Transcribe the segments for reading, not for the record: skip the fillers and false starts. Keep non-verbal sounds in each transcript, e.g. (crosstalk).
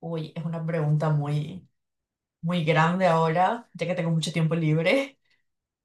Uy, es una pregunta muy, muy grande ahora, ya que tengo mucho tiempo libre.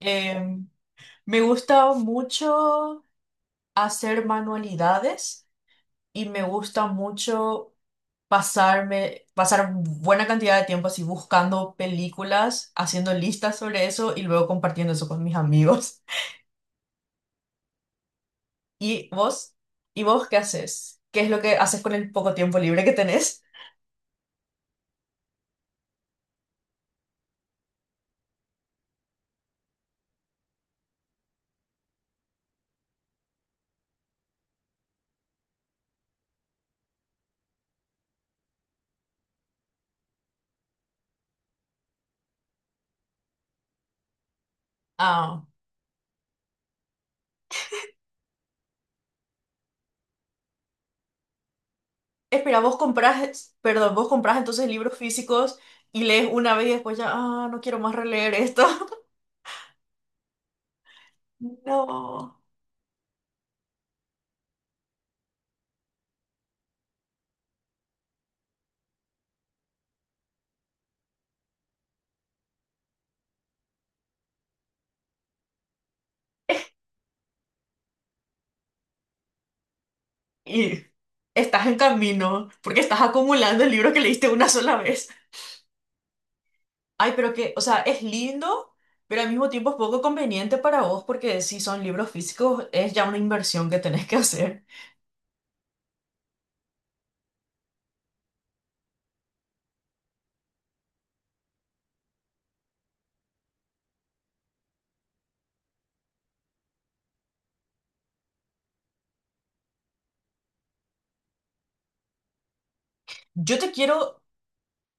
Em, Me gusta mucho hacer manualidades y me gusta mucho pasar buena cantidad de tiempo así buscando películas, haciendo listas sobre eso y luego compartiendo eso con mis amigos. (laughs) ¿Y vos? ¿Y vos qué haces? ¿Qué es lo que haces con el poco tiempo libre que tenés? Ah, espera, vos comprás, perdón, vos comprás entonces libros físicos y lees una vez y después ya, no quiero más releer esto. (laughs) No. Y estás en camino porque estás acumulando el libro que leíste una sola vez. Ay, pero que, o sea, es lindo, pero al mismo tiempo es poco conveniente para vos porque si son libros físicos es ya una inversión que tenés que hacer. Yo te quiero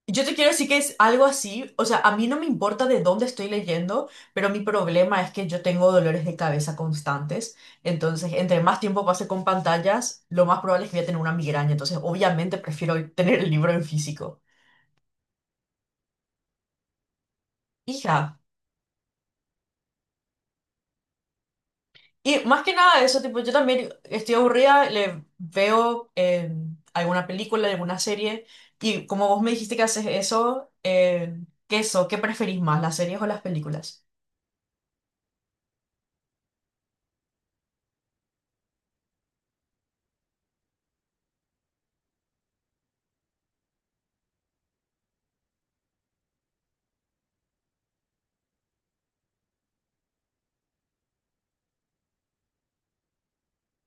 Yo te quiero decir que es algo así, o sea, a mí no me importa de dónde estoy leyendo, pero mi problema es que yo tengo dolores de cabeza constantes, entonces entre más tiempo pase con pantallas, lo más probable es que voy a tener una migraña, entonces obviamente prefiero tener el libro en físico. Hija, y más que nada eso, tipo, yo también estoy aburrida, le veo alguna película, alguna serie, y como vos me dijiste que haces eso, ¿qué eso? ¿Qué preferís más, las series o las películas? (laughs)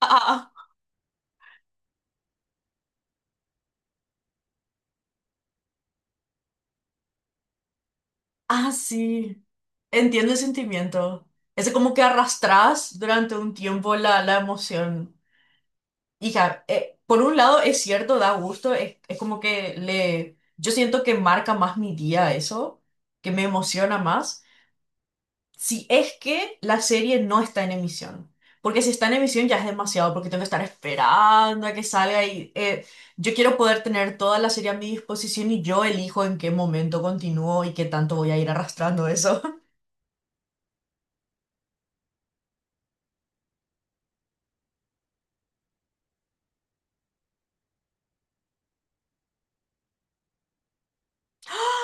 Ah, ah, ah, sí. Entiendo el sentimiento. Es como que arrastras durante un tiempo la emoción. Hija, por un lado es cierto, da gusto, es como que le... Yo siento que marca más mi día eso, que me emociona más. Si es que la serie no está en emisión. Porque si está en emisión ya es demasiado, porque tengo que estar esperando a que salga y yo quiero poder tener toda la serie a mi disposición y yo elijo en qué momento continúo y qué tanto voy a ir arrastrando eso. (laughs)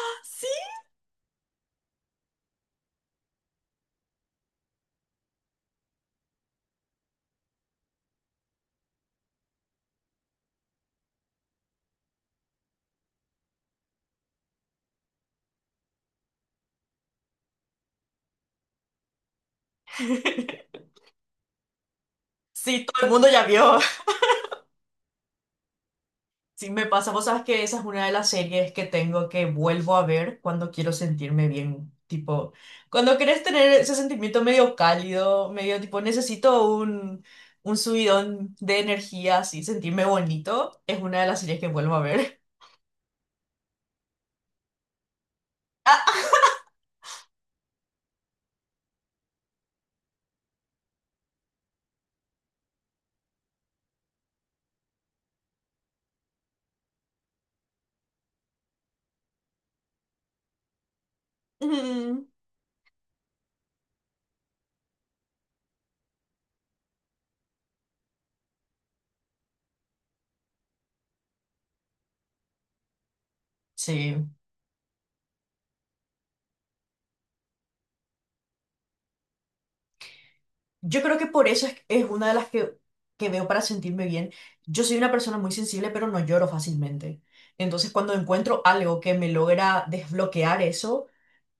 Sí, todo el mundo ya vio. (laughs) Sí, me pasa, vos sabes que esa es una de las series que tengo que vuelvo a ver cuando quiero sentirme bien. Tipo, cuando querés tener ese sentimiento medio cálido, medio tipo, necesito un subidón de energía, así, sentirme bonito, es una de las series que vuelvo a ver. (laughs) Ah, ah, mm, sí, yo creo que por eso es una de las que veo para sentirme bien. Yo soy una persona muy sensible, pero no lloro fácilmente. Entonces, cuando encuentro algo que me logra desbloquear eso,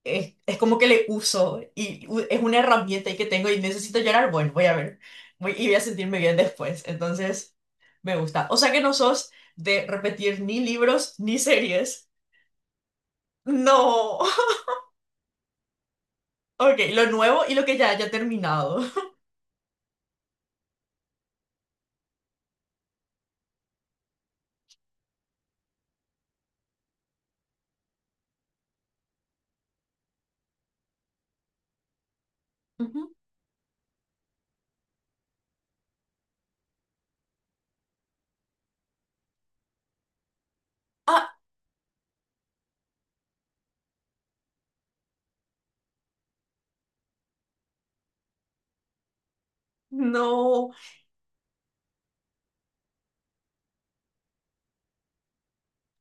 es como que le uso y es una herramienta y que tengo y necesito llorar, bueno, voy a ver y voy a sentirme bien después. Entonces, me gusta. O sea que no sos de repetir ni libros ni series. No. (laughs) Ok, lo nuevo y lo que ya haya terminado. (laughs) Ujú. Ah, no.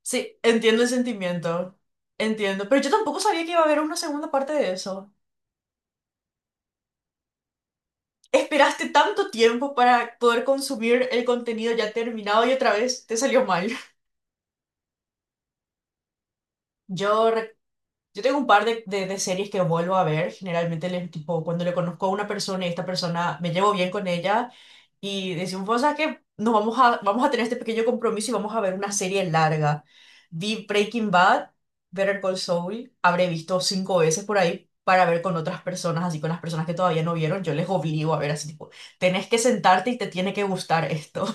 Sí, entiendo el sentimiento. Entiendo. Pero yo tampoco sabía que iba a haber una segunda parte de eso. Esperaste tanto tiempo para poder consumir el contenido ya terminado y otra vez te salió mal. Yo Yo tengo un par de series que vuelvo a ver. Generalmente, les, tipo, cuando le conozco a una persona y esta persona me llevo bien con ella y decimos, o sea, que nos vamos a, vamos a tener este pequeño compromiso y vamos a ver una serie larga. Vi Breaking Bad, Better Call Saul, habré visto cinco veces por ahí para ver con otras personas, así con las personas que todavía no vieron, yo les obligo a ver así, tipo, tenés que sentarte y te tiene que gustar esto.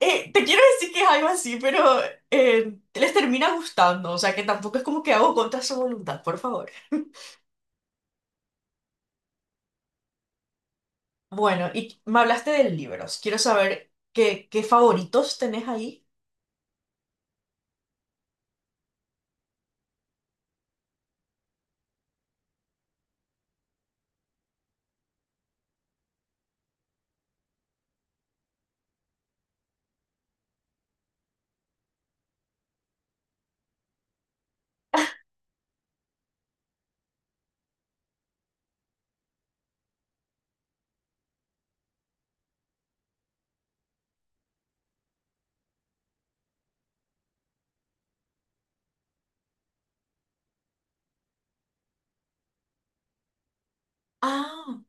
Te quiero decir que es algo así, pero les termina gustando, o sea que tampoco es como que hago contra su voluntad, por favor. (laughs) Bueno, y me hablaste de libros, quiero saber qué favoritos tenés ahí. Ah,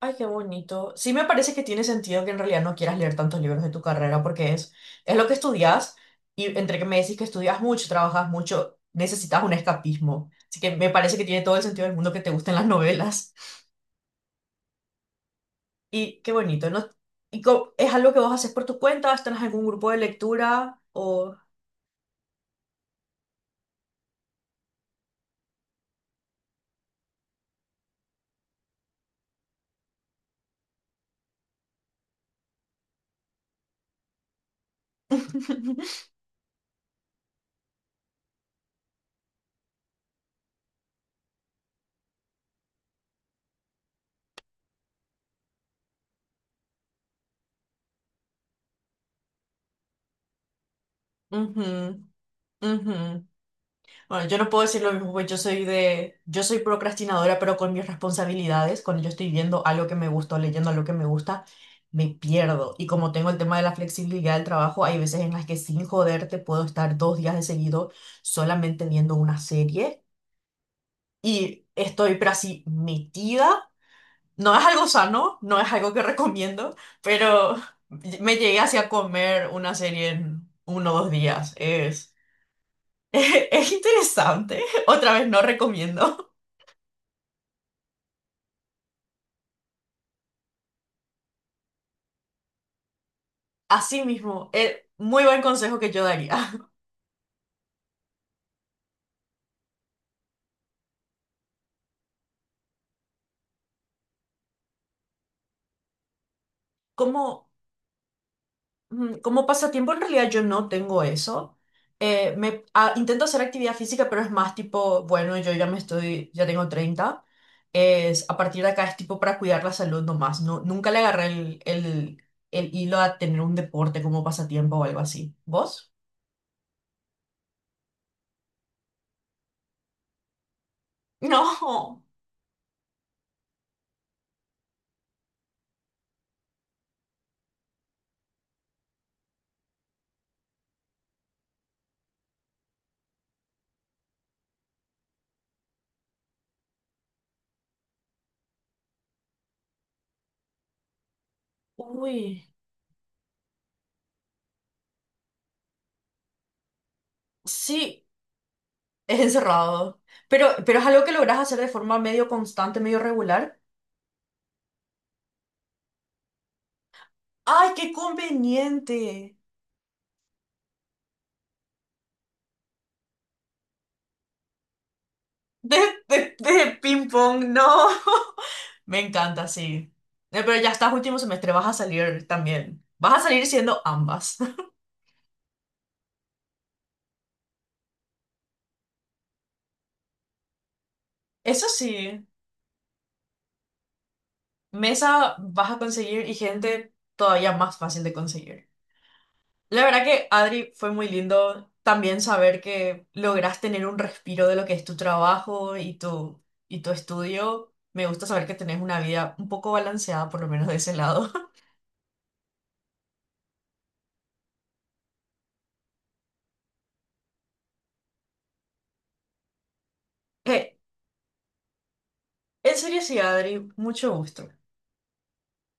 ay, qué bonito. Sí me parece que tiene sentido que en realidad no quieras leer tantos libros de tu carrera porque es lo que estudias y entre que me decís que estudias mucho, trabajas mucho, necesitas un escapismo. Así que me parece que tiene todo el sentido del mundo que te gusten las novelas. Y qué bonito, ¿no? ¿Y co- es algo que vos haces por tu cuenta? ¿Estás en algún grupo de lectura? O... (laughs) Ujú, ujú. Bueno, yo no puedo decir lo mismo, pues yo soy yo soy procrastinadora, pero con mis responsabilidades, cuando yo estoy viendo algo que me gusta o leyendo algo que me gusta, me pierdo. Y como tengo el tema de la flexibilidad del trabajo, hay veces en las que sin joderte puedo estar 2 días de seguido solamente viendo una serie y estoy, pero así, metida. No es algo sano, no es algo que recomiendo, pero me llegué hacia comer una serie en 1 o 2 días. Es, (laughs) es, interesante. Otra vez no recomiendo. Así mismo, muy buen consejo que yo daría. (laughs) Como como pasatiempo, en realidad yo no tengo eso. Intento hacer actividad física, pero es más tipo, bueno, yo ya tengo 30. A partir de acá es tipo para cuidar la salud nomás. No, nunca le agarré el hilo a tener un deporte como pasatiempo o algo así. ¿Vos? (laughs) No. Uy. Sí, es encerrado. Pero es algo que logras hacer de forma medio constante, medio regular. ¡Ay, qué conveniente! De, de ping pong, no. (laughs) Me encanta, sí. Pero ya estás último semestre, vas a salir también. Vas a salir siendo ambas. (laughs) Eso sí, mesa vas a conseguir y gente todavía más fácil de conseguir. La verdad que, Adri, fue muy lindo también saber que lográs tener un respiro de lo que es tu trabajo y tu estudio. Me gusta saber que tenés una vida un poco balanceada, por lo menos de ese lado. (laughs) Eh, en serio, sí, Adri, mucho gusto.